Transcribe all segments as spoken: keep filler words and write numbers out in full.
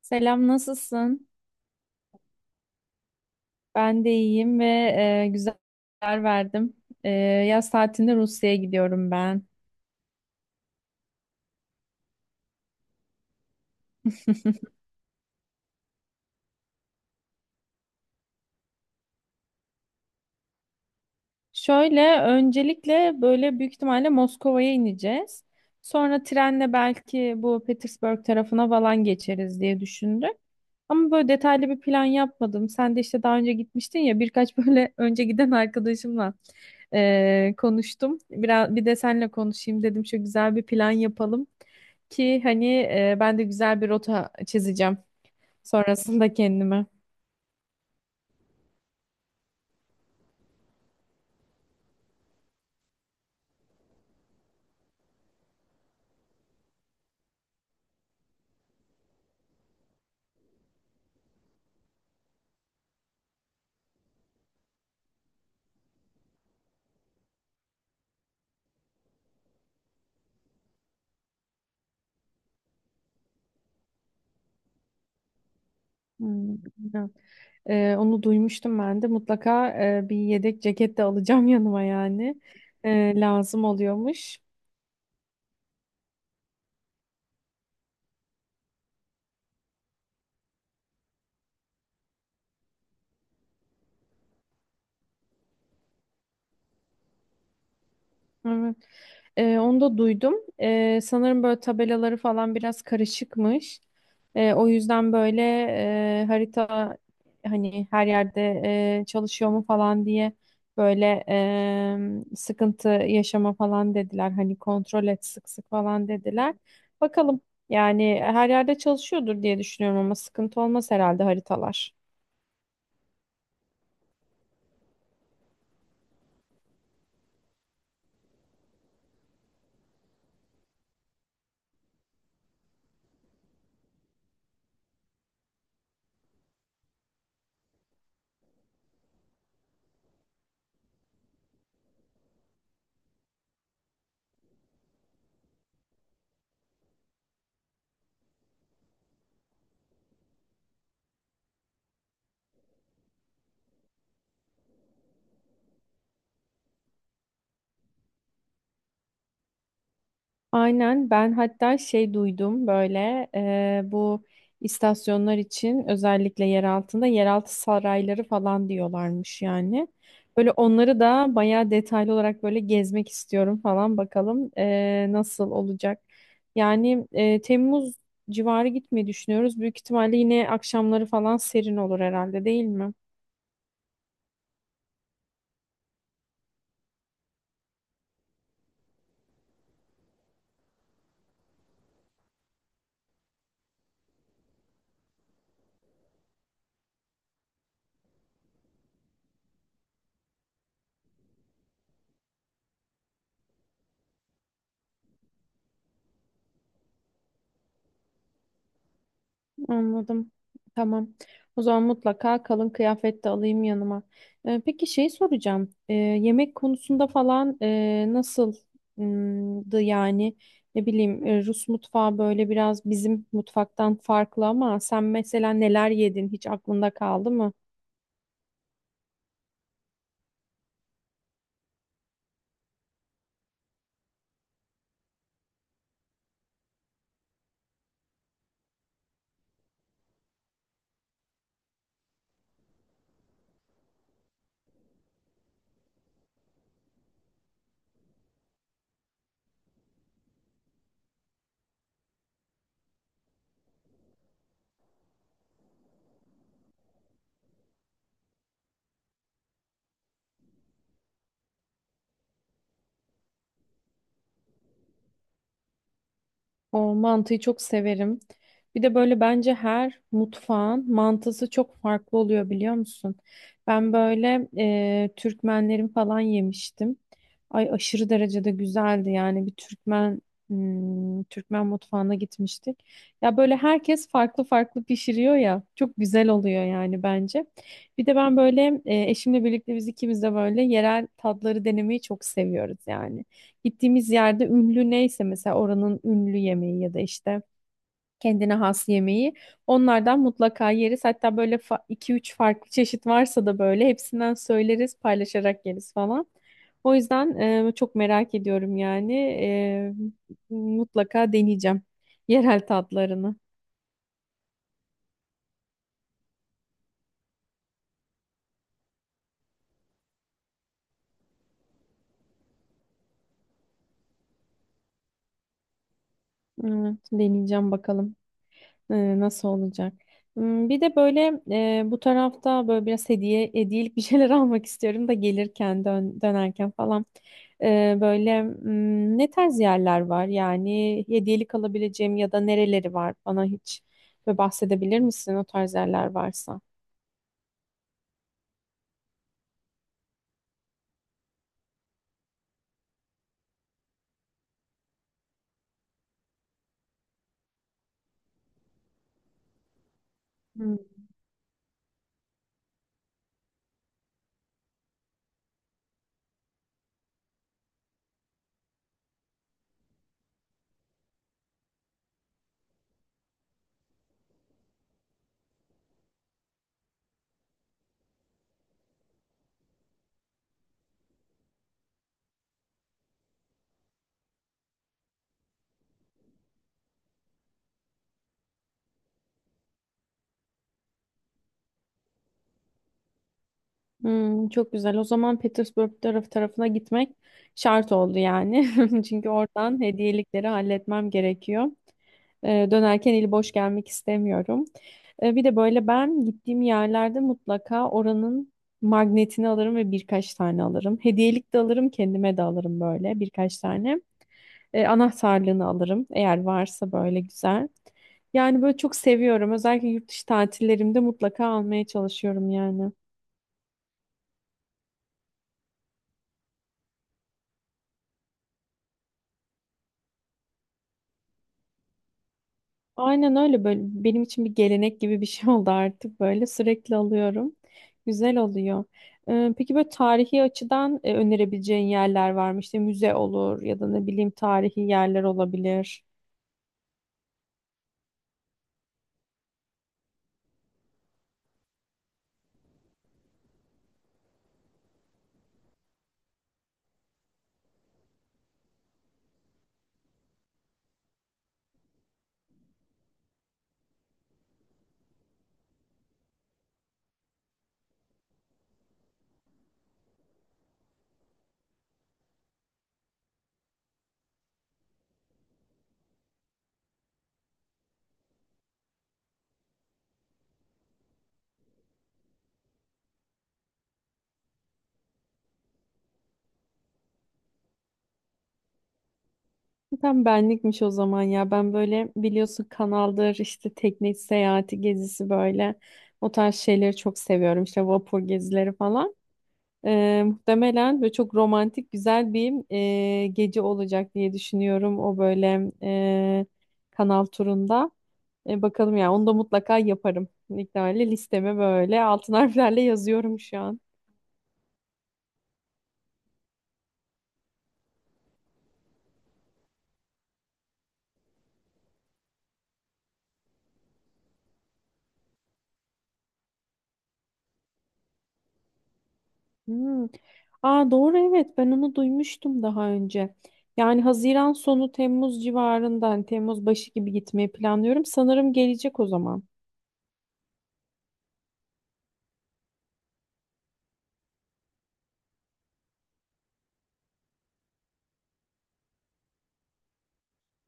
Selam, nasılsın? Ben de iyiyim ve e, güzel haber verdim. E, yaz tatilinde Rusya'ya gidiyorum ben. Şöyle öncelikle böyle büyük ihtimalle Moskova'ya ineceğiz. Sonra trenle belki bu Petersburg tarafına falan geçeriz diye düşündük. Ama böyle detaylı bir plan yapmadım. Sen de işte daha önce gitmiştin ya birkaç böyle önce giden arkadaşımla eee, konuştum. Biraz bir de seninle konuşayım dedim. Şu güzel bir plan yapalım ki hani eee, ben de güzel bir rota çizeceğim sonrasında kendime. Hmm, bilmiyorum. Eee, onu duymuştum ben de. Mutlaka eee, bir yedek ceket de alacağım yanıma yani. Eee, lazım oluyormuş. Evet. Ee, onu da duydum. Ee, sanırım böyle tabelaları falan biraz karışıkmış. Ee, o yüzden böyle e, harita hani her yerde e, çalışıyor mu falan diye böyle e, sıkıntı yaşama falan dediler. Hani kontrol et sık sık falan dediler. Bakalım yani her yerde çalışıyordur diye düşünüyorum ama sıkıntı olmaz herhalde haritalar. Aynen ben hatta şey duydum böyle e, bu istasyonlar için özellikle yer altında yeraltı sarayları falan diyorlarmış yani. Böyle onları da bayağı detaylı olarak böyle gezmek istiyorum falan bakalım e, nasıl olacak. Yani e, Temmuz civarı gitmeyi düşünüyoruz. Büyük ihtimalle yine akşamları falan serin olur herhalde değil mi? Anladım. Tamam. O zaman mutlaka kalın kıyafet de alayım yanıma. Ee, peki şey soracağım. Ee, yemek konusunda falan e, nasıldı yani? Ne bileyim e, Rus mutfağı böyle biraz bizim mutfaktan farklı ama sen mesela neler yedin hiç aklında kaldı mı? O mantıyı çok severim. Bir de böyle bence her mutfağın mantısı çok farklı oluyor biliyor musun? Ben böyle e, Türkmenlerin falan yemiştim. Ay aşırı derecede güzeldi yani bir Türkmen hmm, Türkmen mutfağına gitmiştik. Ya böyle herkes farklı farklı pişiriyor ya çok güzel oluyor yani bence. Bir de ben böyle e, eşimle birlikte biz ikimiz de böyle yerel tatları denemeyi çok seviyoruz yani. Gittiğimiz yerde ünlü neyse mesela oranın ünlü yemeği ya da işte kendine has yemeği onlardan mutlaka yeriz. Hatta böyle iki üç farklı çeşit varsa da böyle hepsinden söyleriz, paylaşarak yeriz falan. O yüzden e, çok merak ediyorum yani. E, mutlaka deneyeceğim yerel tatlarını. Evet, deneyeceğim bakalım. Ee, Nasıl olacak? Hmm, bir de böyle e, bu tarafta böyle biraz hediye hediyelik bir şeyler almak istiyorum da gelirken dön, dönerken falan. Ee, böyle hmm, ne tarz yerler var? Yani hediyelik alabileceğim ya da nereleri var? Bana hiç böyle bahsedebilir misin o tarz yerler varsa? Hmm. Hmm, çok güzel. O zaman Petersburg taraf tarafına gitmek şart oldu yani. Çünkü oradan hediyelikleri halletmem gerekiyor. Ee, dönerken eli boş gelmek istemiyorum. Ee, bir de böyle ben gittiğim yerlerde mutlaka oranın magnetini alırım ve birkaç tane alırım. Hediyelik de alırım, kendime de alırım böyle birkaç tane. Ee, anahtarlığını alırım eğer varsa böyle güzel. Yani böyle çok seviyorum. Özellikle yurt dışı tatillerimde mutlaka almaya çalışıyorum yani. Aynen öyle böyle benim için bir gelenek gibi bir şey oldu artık böyle sürekli alıyorum. Güzel oluyor. Ee, peki böyle tarihi açıdan e, önerebileceğin yerler var mı? İşte müze olur ya da ne bileyim tarihi yerler olabilir. Tam benlikmiş o zaman ya. Ben böyle biliyorsun kanaldır işte tekne seyahati gezisi böyle o tarz şeyleri çok seviyorum. İşte vapur gezileri falan. Eee, muhtemelen ve çok romantik güzel bir eee, gece olacak diye düşünüyorum o böyle eee, kanal turunda. E, bakalım ya onu da mutlaka yaparım. İktidarıyla listeme böyle altın harflerle yazıyorum şu an. Hmm. Aa, doğru evet ben onu duymuştum daha önce. Yani Haziran sonu Temmuz civarında hani Temmuz başı gibi gitmeyi planlıyorum. Sanırım gelecek o zaman.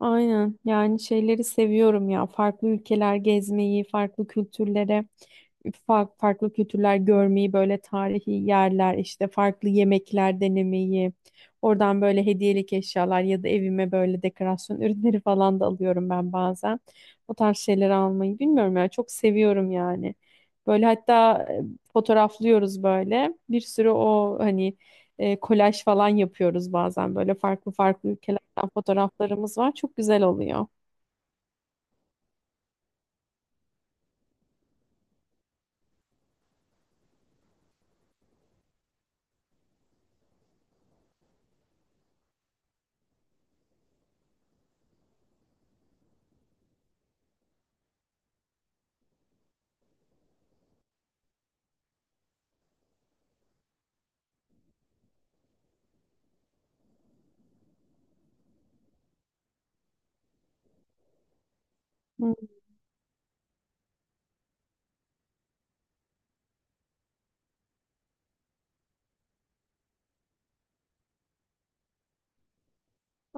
Aynen yani şeyleri seviyorum ya farklı ülkeler gezmeyi, farklı kültürlere, fa- farklı kültürler görmeyi, böyle tarihi yerler işte farklı yemekler denemeyi, oradan böyle hediyelik eşyalar ya da evime böyle dekorasyon ürünleri falan da alıyorum ben bazen. O tarz şeyleri almayı bilmiyorum ya çok seviyorum yani. Böyle hatta e, fotoğraflıyoruz böyle bir sürü o hani e, kolaj falan yapıyoruz bazen böyle farklı farklı ülkelerden fotoğraflarımız var. Çok güzel oluyor. Hı,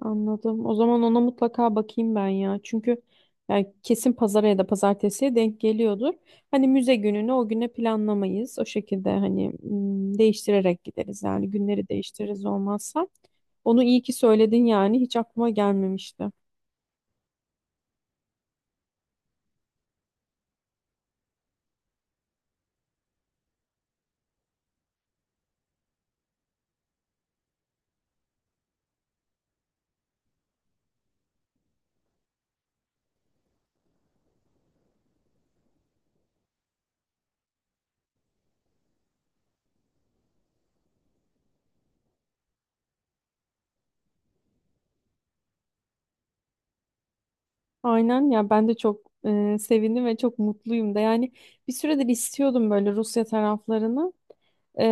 anladım. O zaman ona mutlaka bakayım ben ya. Çünkü yani kesin pazara ya da pazartesiye denk geliyordur. Hani müze gününü o güne planlamayız. O şekilde hani m, değiştirerek gideriz. Yani günleri değiştiririz olmazsa. Onu iyi ki söyledin yani. Hiç aklıma gelmemişti. Aynen ya ben de çok e, sevindim ve çok mutluyum da yani bir süredir istiyordum böyle Rusya taraflarını. Ee,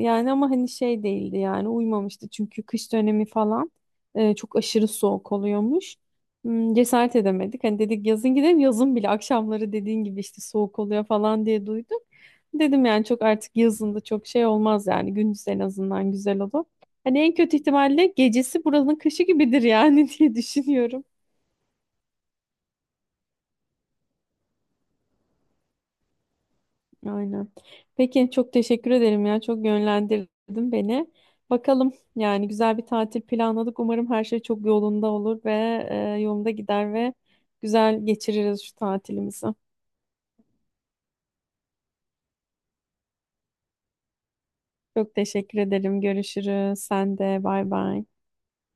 Yani ama hani şey değildi yani uymamıştı çünkü kış dönemi falan e, çok aşırı soğuk oluyormuş. Hmm, cesaret edemedik. Hani dedik yazın gidelim yazın bile akşamları dediğin gibi işte soğuk oluyor falan diye duydum. Dedim yani çok artık yazında çok şey olmaz yani gündüz en azından güzel olur. Hani en kötü ihtimalle gecesi buranın kışı gibidir yani diye düşünüyorum. Aynen. Peki çok teşekkür ederim ya. Çok yönlendirdin beni. Bakalım yani güzel bir tatil planladık. Umarım her şey çok yolunda olur ve e, yolunda gider ve güzel geçiririz şu tatilimizi. Çok teşekkür ederim. Görüşürüz. Sen de bay bay.